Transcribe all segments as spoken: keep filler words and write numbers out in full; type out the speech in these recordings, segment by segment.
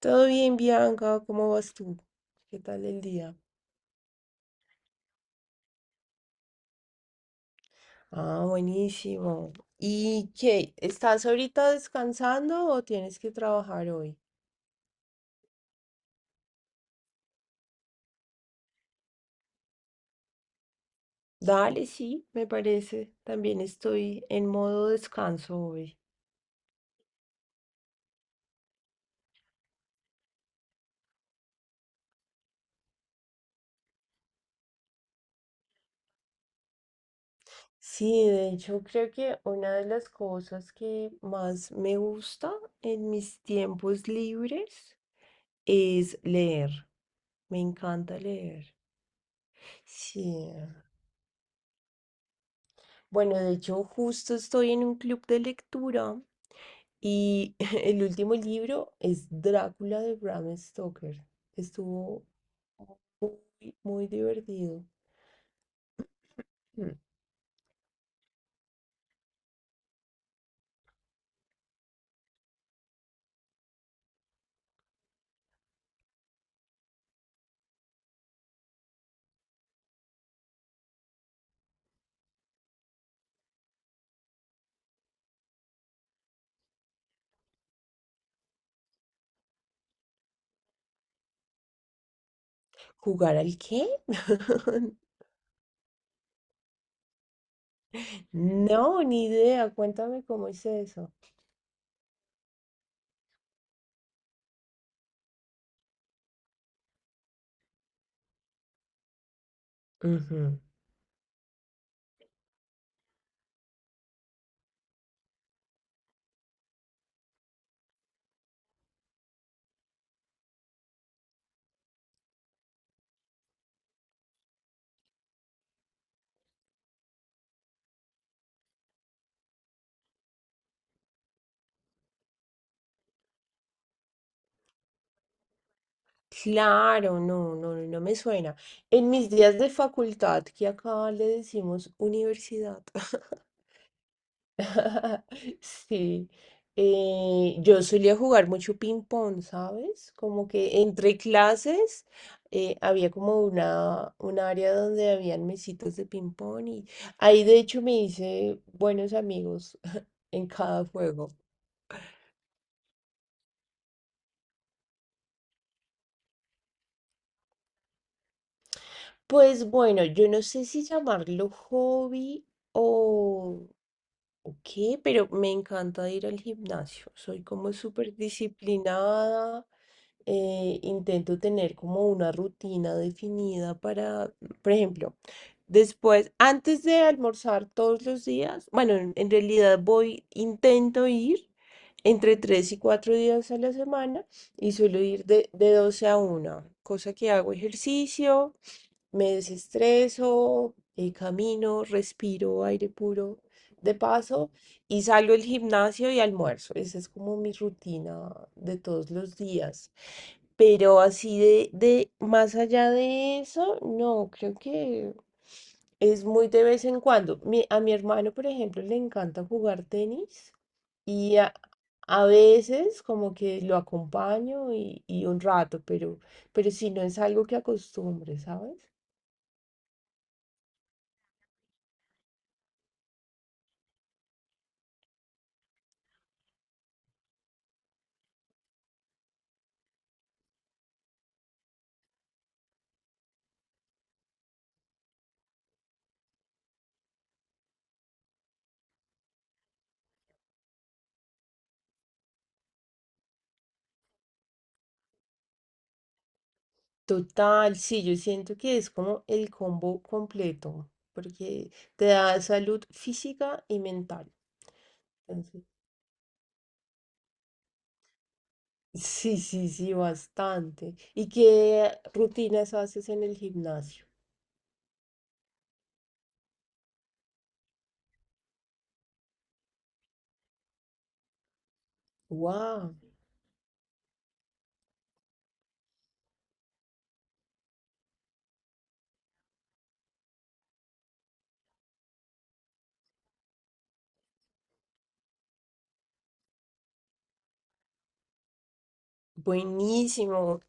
Todo bien, Bianca, ¿cómo vas tú? ¿Qué tal el día? Ah, buenísimo. ¿Y qué? ¿Estás ahorita descansando o tienes que trabajar hoy? Dale, sí, me parece. También estoy en modo descanso hoy. Sí, de hecho creo que una de las cosas que más me gusta en mis tiempos libres es leer. Me encanta leer. Sí. Bueno, de hecho justo estoy en un club de lectura y el último libro es Drácula de Bram Stoker. Estuvo muy, muy divertido. Mm. ¿Jugar al qué? No, ni idea. Cuéntame cómo es eso. Ujú. Claro, no, no, no me suena. En mis días de facultad, que acá le decimos universidad, sí, eh, yo solía jugar mucho ping-pong, ¿sabes? Como que entre clases eh, había como una, un área donde habían mesitas de ping-pong y ahí de hecho me hice buenos amigos en cada juego. Pues bueno, yo no sé si llamarlo hobby. O Ok, pero me encanta ir al gimnasio. Soy como súper disciplinada. Eh, intento tener como una rutina definida para, por ejemplo, después, antes de almorzar todos los días, bueno, en, en realidad voy, intento ir entre tres y cuatro días a la semana y suelo ir de, de doce a una, cosa que hago ejercicio, me desestreso, eh, camino, respiro aire puro de paso y salgo al gimnasio y almuerzo. Esa es como mi rutina de todos los días. Pero así de, de más allá de eso, no, creo que es muy de vez en cuando. Mi- a mi hermano, por ejemplo, le encanta jugar tenis. Y a, a veces como que lo acompaño y, y un rato, pero, pero si no es algo que acostumbre, ¿sabes? Total, sí, yo siento que es como el combo completo, porque te da salud física y mental. Entonces, sí, sí, sí, bastante. ¿Y qué rutinas haces en el gimnasio? ¡Wow! Buenísimo.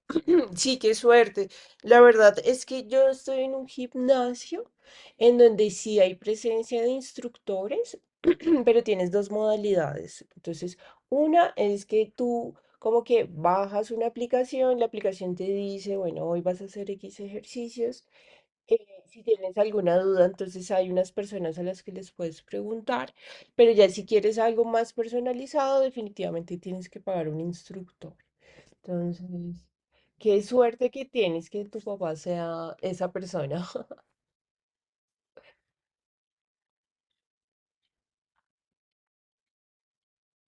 Sí, qué suerte. La verdad es que yo estoy en un gimnasio en donde sí hay presencia de instructores, pero tienes dos modalidades. Entonces, una es que tú como que bajas una aplicación, la aplicación te dice, bueno, hoy vas a hacer equis ejercicios. eh, si tienes alguna duda, entonces hay unas personas a las que les puedes preguntar, pero ya si quieres algo más personalizado, definitivamente tienes que pagar un instructor. Entonces, qué suerte que tienes que tu papá sea esa persona.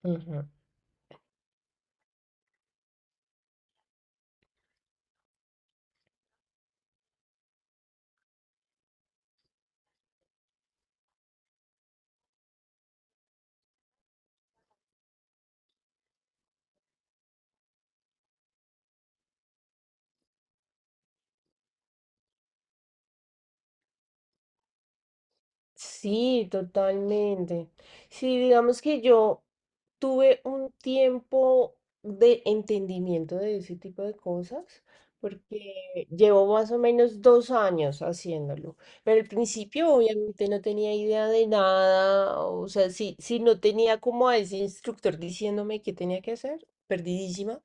Ujú. Sí, totalmente. Sí, digamos que yo tuve un tiempo de entendimiento de ese tipo de cosas, porque llevo más o menos dos años haciéndolo. Pero al principio obviamente no tenía idea de nada, o sea, si, si no tenía como a ese instructor diciéndome qué tenía que hacer, perdidísima.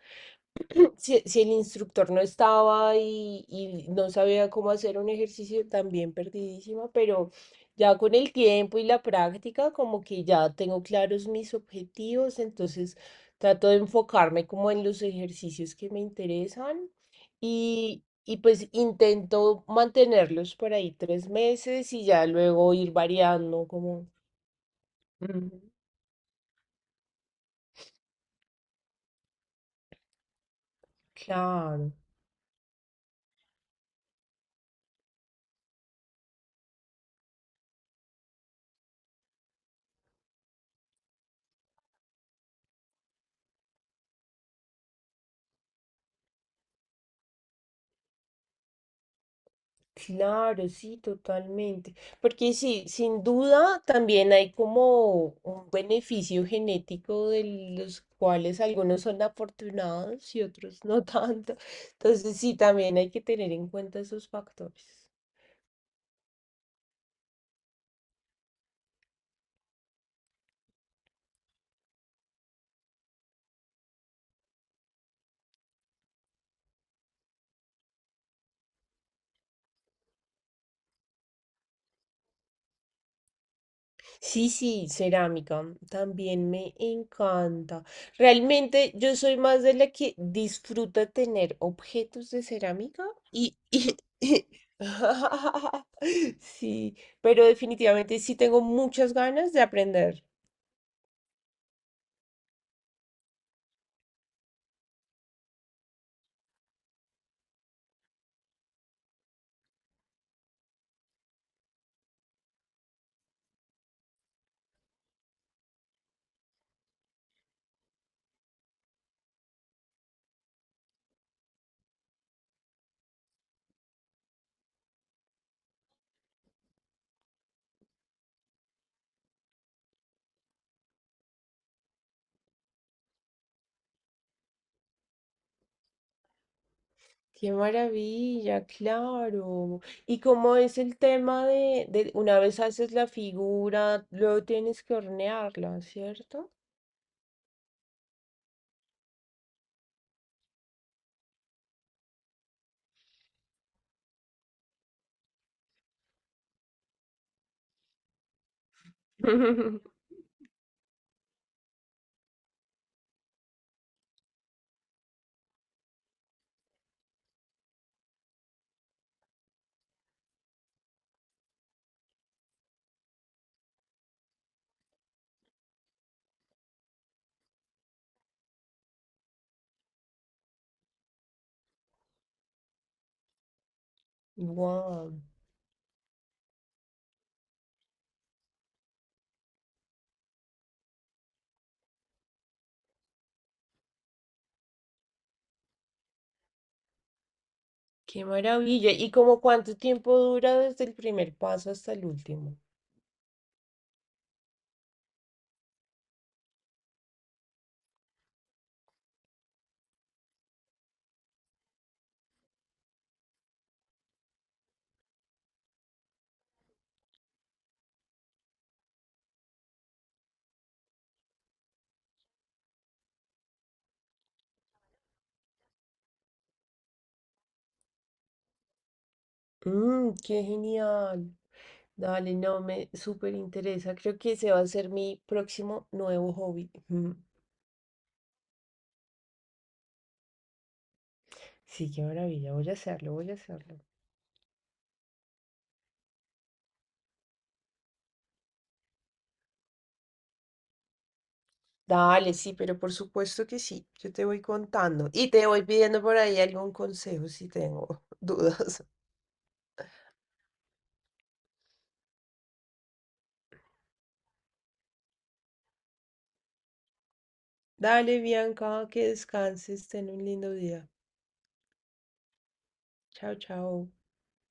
Si, si el instructor no estaba y, y no sabía cómo hacer un ejercicio, también perdidísima, pero ya con el tiempo y la práctica, como que ya tengo claros mis objetivos, entonces trato de enfocarme como en los ejercicios que me interesan y, y pues intento mantenerlos por ahí tres meses y ya luego ir variando como... Ujú. Claro. Claro, sí, totalmente. Porque sí, sin duda también hay como un beneficio genético de los cuales algunos son afortunados y otros no tanto. Entonces sí, también hay que tener en cuenta esos factores. Sí, sí, cerámica también me encanta. Realmente yo soy más de la que disfruta tener objetos de cerámica y, y- sí, pero definitivamente sí tengo muchas ganas de aprender. Qué maravilla, claro. ¿Y cómo es el tema de, de una vez haces la figura, luego tienes que hornearla, cierto? Wow, qué maravilla. ¿Y como cuánto tiempo dura desde el primer paso hasta el último? Mm, qué genial. Dale, no, me súper interesa. Creo que ese va a ser mi próximo nuevo hobby. Sí, qué maravilla. Voy a hacerlo, voy a hacerlo. Dale, sí, pero por supuesto que sí. Yo te voy contando y te voy pidiendo por ahí algún consejo si tengo dudas. Dale, Bianca, que descanses, ten un lindo día. Chao, chao.